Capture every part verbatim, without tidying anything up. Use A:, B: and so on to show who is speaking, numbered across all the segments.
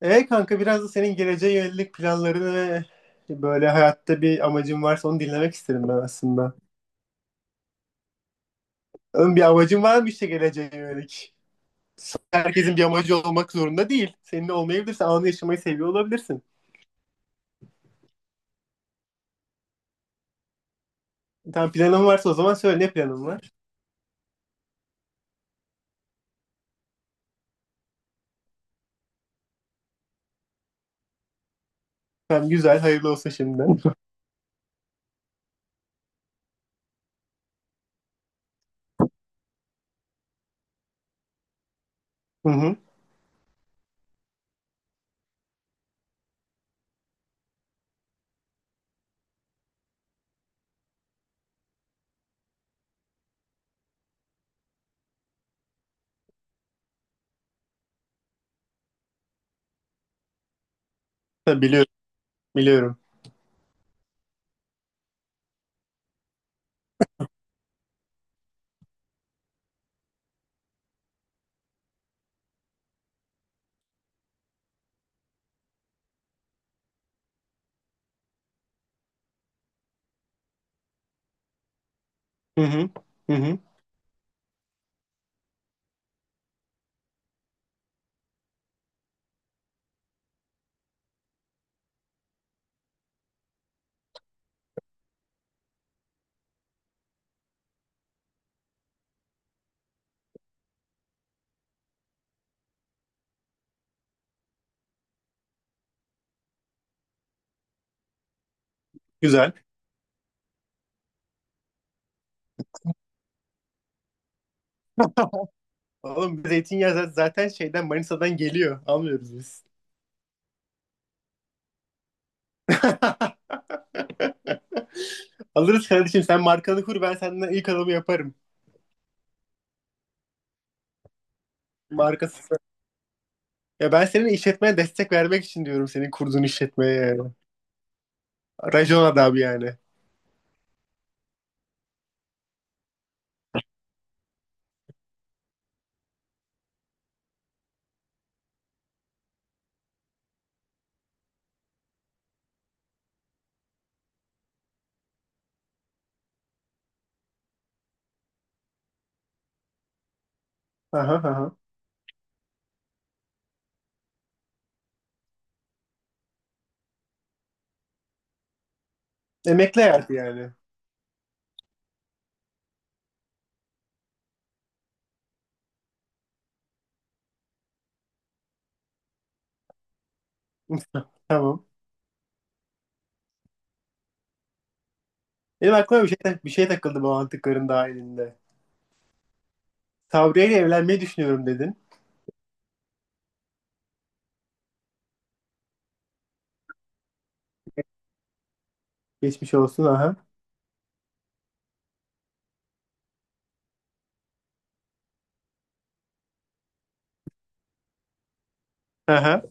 A: E kanka biraz da senin geleceğe yönelik planlarını ve böyle hayatta bir amacın varsa onu dinlemek isterim ben aslında. Oğlum bir amacın var mı işte geleceğe yönelik? Herkesin bir amacı olmak zorunda değil. Senin de olmayabilirse anı yaşamayı seviyor olabilirsin. Tamam, planın varsa o zaman söyle, ne planın var? Tamam, güzel, hayırlı olsun şimdiden. Hı hı. Tabii biliyorum, biliyorum. Hı hı. Hı hı. Güzel. Oğlum zeytinyağı zaten şeyden, Manisa'dan geliyor. Almıyoruz biz. Alırız kardeşim, sen markanı kur, ben senden ilk adamı yaparım. Markası. Ya ben senin işletmeye destek vermek için diyorum, senin kurduğun işletmeye yani. Racon adamı yani. Aha, aha. Emekli hayatı yani. Tamam. Benim aklıma bir şey, tak- bir şey takıldı bu antıkların dahilinde. Sabriye ile evlenmeyi düşünüyorum dedin. Geçmiş olsun, aha. Aha.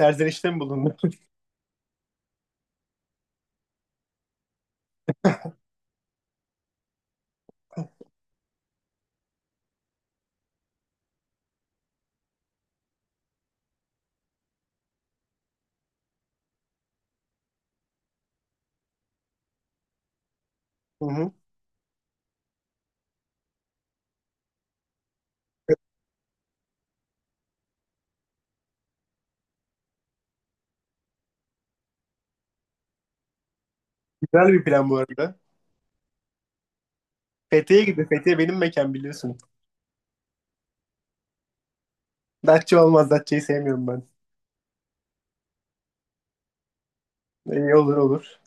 A: Serzenişte mi bulundun? Hı hı. Güzel bir plan bu arada. Fethiye'ye gidin. Fethiye benim mekan, biliyorsun. Datça olmaz. Datça'yı sevmiyorum ben. İyi, olur olur.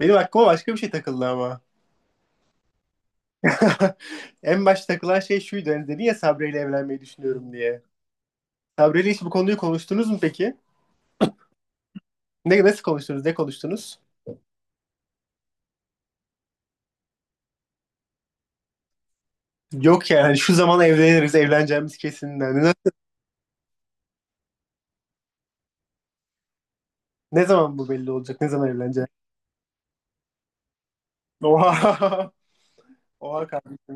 A: Benim aklıma başka bir şey takıldı ama. En başta takılan şey şuydu. Hani dedin ya Sabri ile evlenmeyi düşünüyorum diye. Sabri ile hiç bu konuyu konuştunuz mu peki? Ne, nasıl konuştunuz? Ne konuştunuz? Yok yani hani şu zaman evleniriz. Evleneceğimiz kesin. Yani ne, ne zaman bu belli olacak? Ne zaman evleneceğiz? Oha. Oha kardeşim.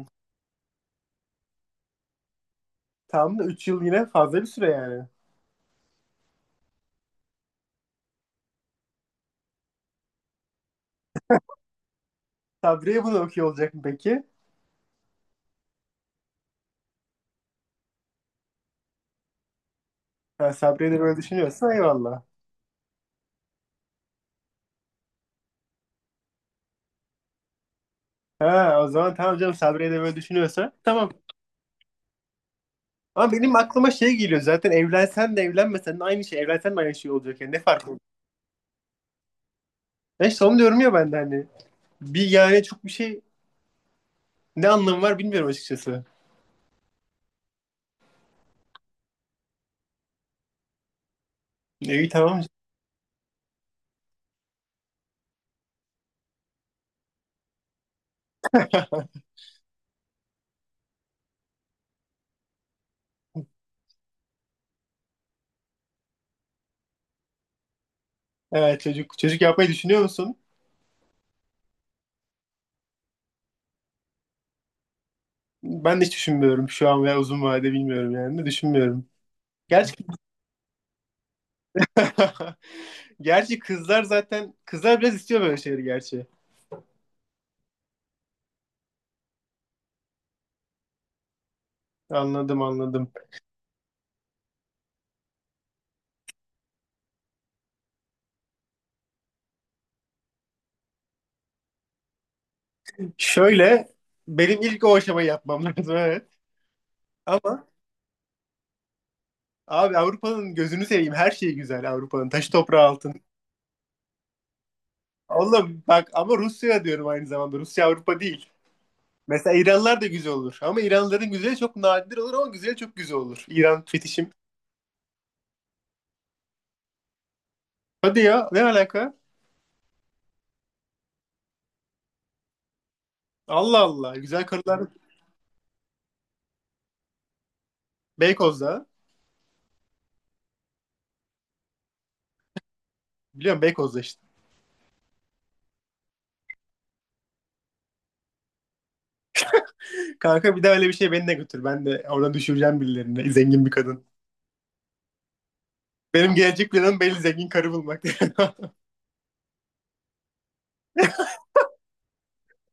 A: Tam da üç yıl, yine fazla bir süre yani. Sabri'ye bunu okuyor olacak mı peki? Ha, Sabri'ye de böyle düşünüyorsa eyvallah. Ha, o zaman tamam canım, Sabri'ye de böyle düşünüyorsa tamam. Ama benim aklıma şey geliyor, zaten evlensen de evlenmesen de aynı şey. Evlensen de aynı şey olacak yani, ne fark var? Ben işte onu diyorum ya, ben de hani. Bir yani çok bir şey, ne anlamı var bilmiyorum açıkçası. E, İyi, tamam. Evet, çocuk. Çocuk yapmayı düşünüyor musun? Ben de hiç düşünmüyorum şu an, veya uzun vadede bilmiyorum yani. Düşünmüyorum. Gerçi, gerçi kızlar zaten, kızlar biraz istiyor böyle şeyleri gerçi. Anladım, anladım. Şöyle, benim ilk o aşamayı yapmam lazım, evet. Ama abi, Avrupa'nın gözünü seveyim. Her şeyi güzel Avrupa'nın. Taşı toprağı altın. Oğlum bak ama Rusya diyorum aynı zamanda. Rusya Avrupa değil. Mesela İranlılar da güzel olur. Ama İranlıların güzeli çok nadir olur, ama güzeli çok güzel olur. İran fetişim. Hadi ya, ne alaka? Allah Allah. Güzel karılar Beykoz'da. Biliyorum, Beykoz'da işte. Kanka bir daha öyle bir şey, beni de götür. Ben de oradan düşüreceğim birilerini. Zengin bir kadın. Benim gelecek planım belli, zengin karı bulmak.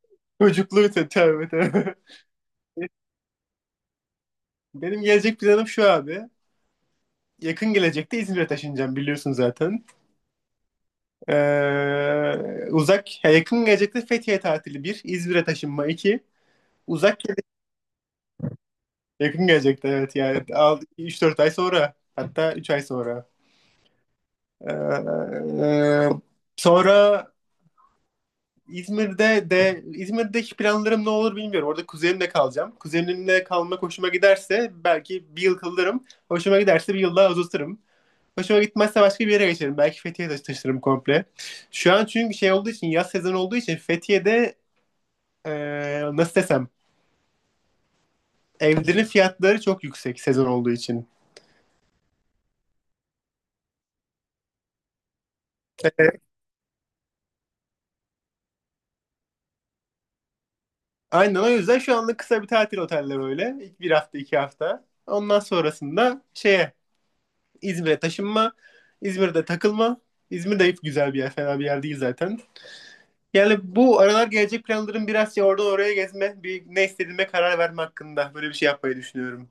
A: Çocukluğu, tövbe tövbe. Benim gelecek planım şu abi. Yakın gelecekte İzmir'e taşınacağım, biliyorsun zaten. Ee, uzak, ya yakın gelecekte Fethiye tatili bir, İzmir'e taşınma iki. Uzak gele- Yakın gelecekte evet yani, üç dört ay sonra, hatta üç ay sonra. Ee, Sonra İzmir'de de İzmir'deki planlarım ne olur bilmiyorum. Orada kuzenimle kalacağım. Kuzenimle kalmak hoşuma giderse belki bir yıl kalırım. Hoşuma giderse bir yıl daha uzatırım. Hoşuma gitmezse başka bir yere geçerim. Belki Fethiye'ye taşı- komple. Şu an çünkü şey olduğu için, yaz sezonu olduğu için Fethiye'de eee, nasıl desem, evlerin fiyatları çok yüksek, sezon olduğu için. Eee, aynen, o yüzden şu anlık kısa bir tatil, oteller öyle. Bir hafta, iki hafta. Ondan sonrasında şeye, İzmir'e taşınma. İzmir'de takılma. İzmir de hep güzel bir yer. Fena bir yer değil zaten. Yani bu aralar gelecek planlarım biraz şey, oradan oraya gezme. Bir ne istediğime karar verme hakkında. Böyle bir şey yapmayı düşünüyorum.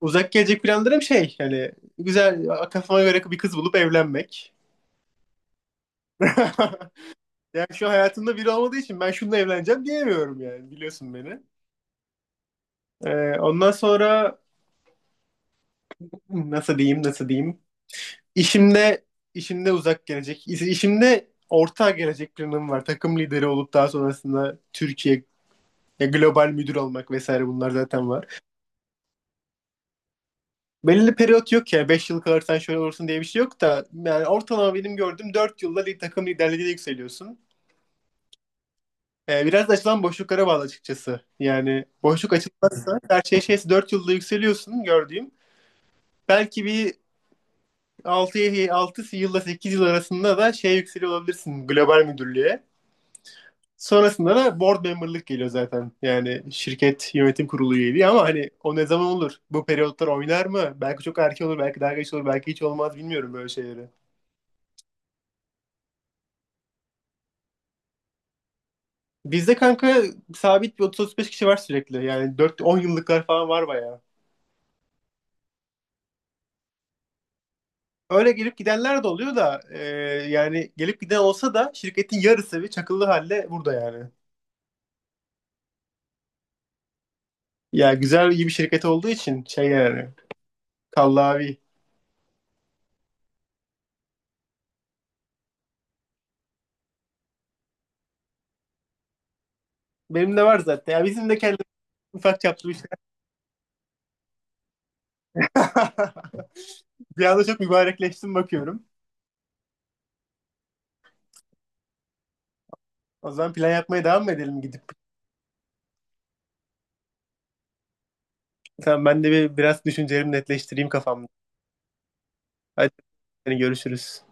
A: Uzak gelecek planlarım şey yani, güzel, kafama göre bir kız bulup evlenmek. Yani şu hayatımda biri olmadığı için, ben şununla evleneceğim diyemiyorum yani, biliyorsun beni. Ee, ondan sonra nasıl diyeyim nasıl diyeyim. İşimde, işimde uzak gelecek. iş- işimde orta gelecek planım var. Takım lideri olup daha sonrasında Türkiye ya global müdür olmak vesaire, bunlar zaten var. Belirli periyot yok ya, beş yıl kalırsan şöyle olursun diye bir şey yok da, yani ortalama benim gördüğüm dört yılda lig- takım liderliğine yükseliyorsun. Ee, biraz da açılan boşluklara bağlı açıkçası. Yani boşluk açılmazsa, her şey şeyse, dört yılda yükseliyorsun gördüğüm. Belki bir altı 6 yılla sekiz yıl arasında da şey, yükseliyor olabilirsin global müdürlüğe. Sonrasında da board member'lık geliyor zaten. Yani şirket yönetim kurulu üyeliği, ama hani o ne zaman olur? Bu periyotlar oynar mı? Belki çok erken olur, belki daha geç olur, belki hiç olmaz, bilmiyorum böyle şeyleri. Bizde kanka sabit bir otuz otuz beş kişi var sürekli. Yani dört, on yıllıklar falan var bayağı. Öyle gelip gidenler de oluyor da e, yani gelip giden olsa da şirketin yarısı bir çakıllı halde burada yani. Ya güzel, iyi bir şirket olduğu için şey yani, kallavi. Benim de var zaten. Ya bizim de kendimiz, ufak çaplı bir şey. Bir anda çok mübarekleştim bakıyorum. O zaman plan yapmaya devam mı edelim gidip? Tamam, ben de bir, biraz düşüncelerimi netleştireyim kafamda. Hadi, hani görüşürüz.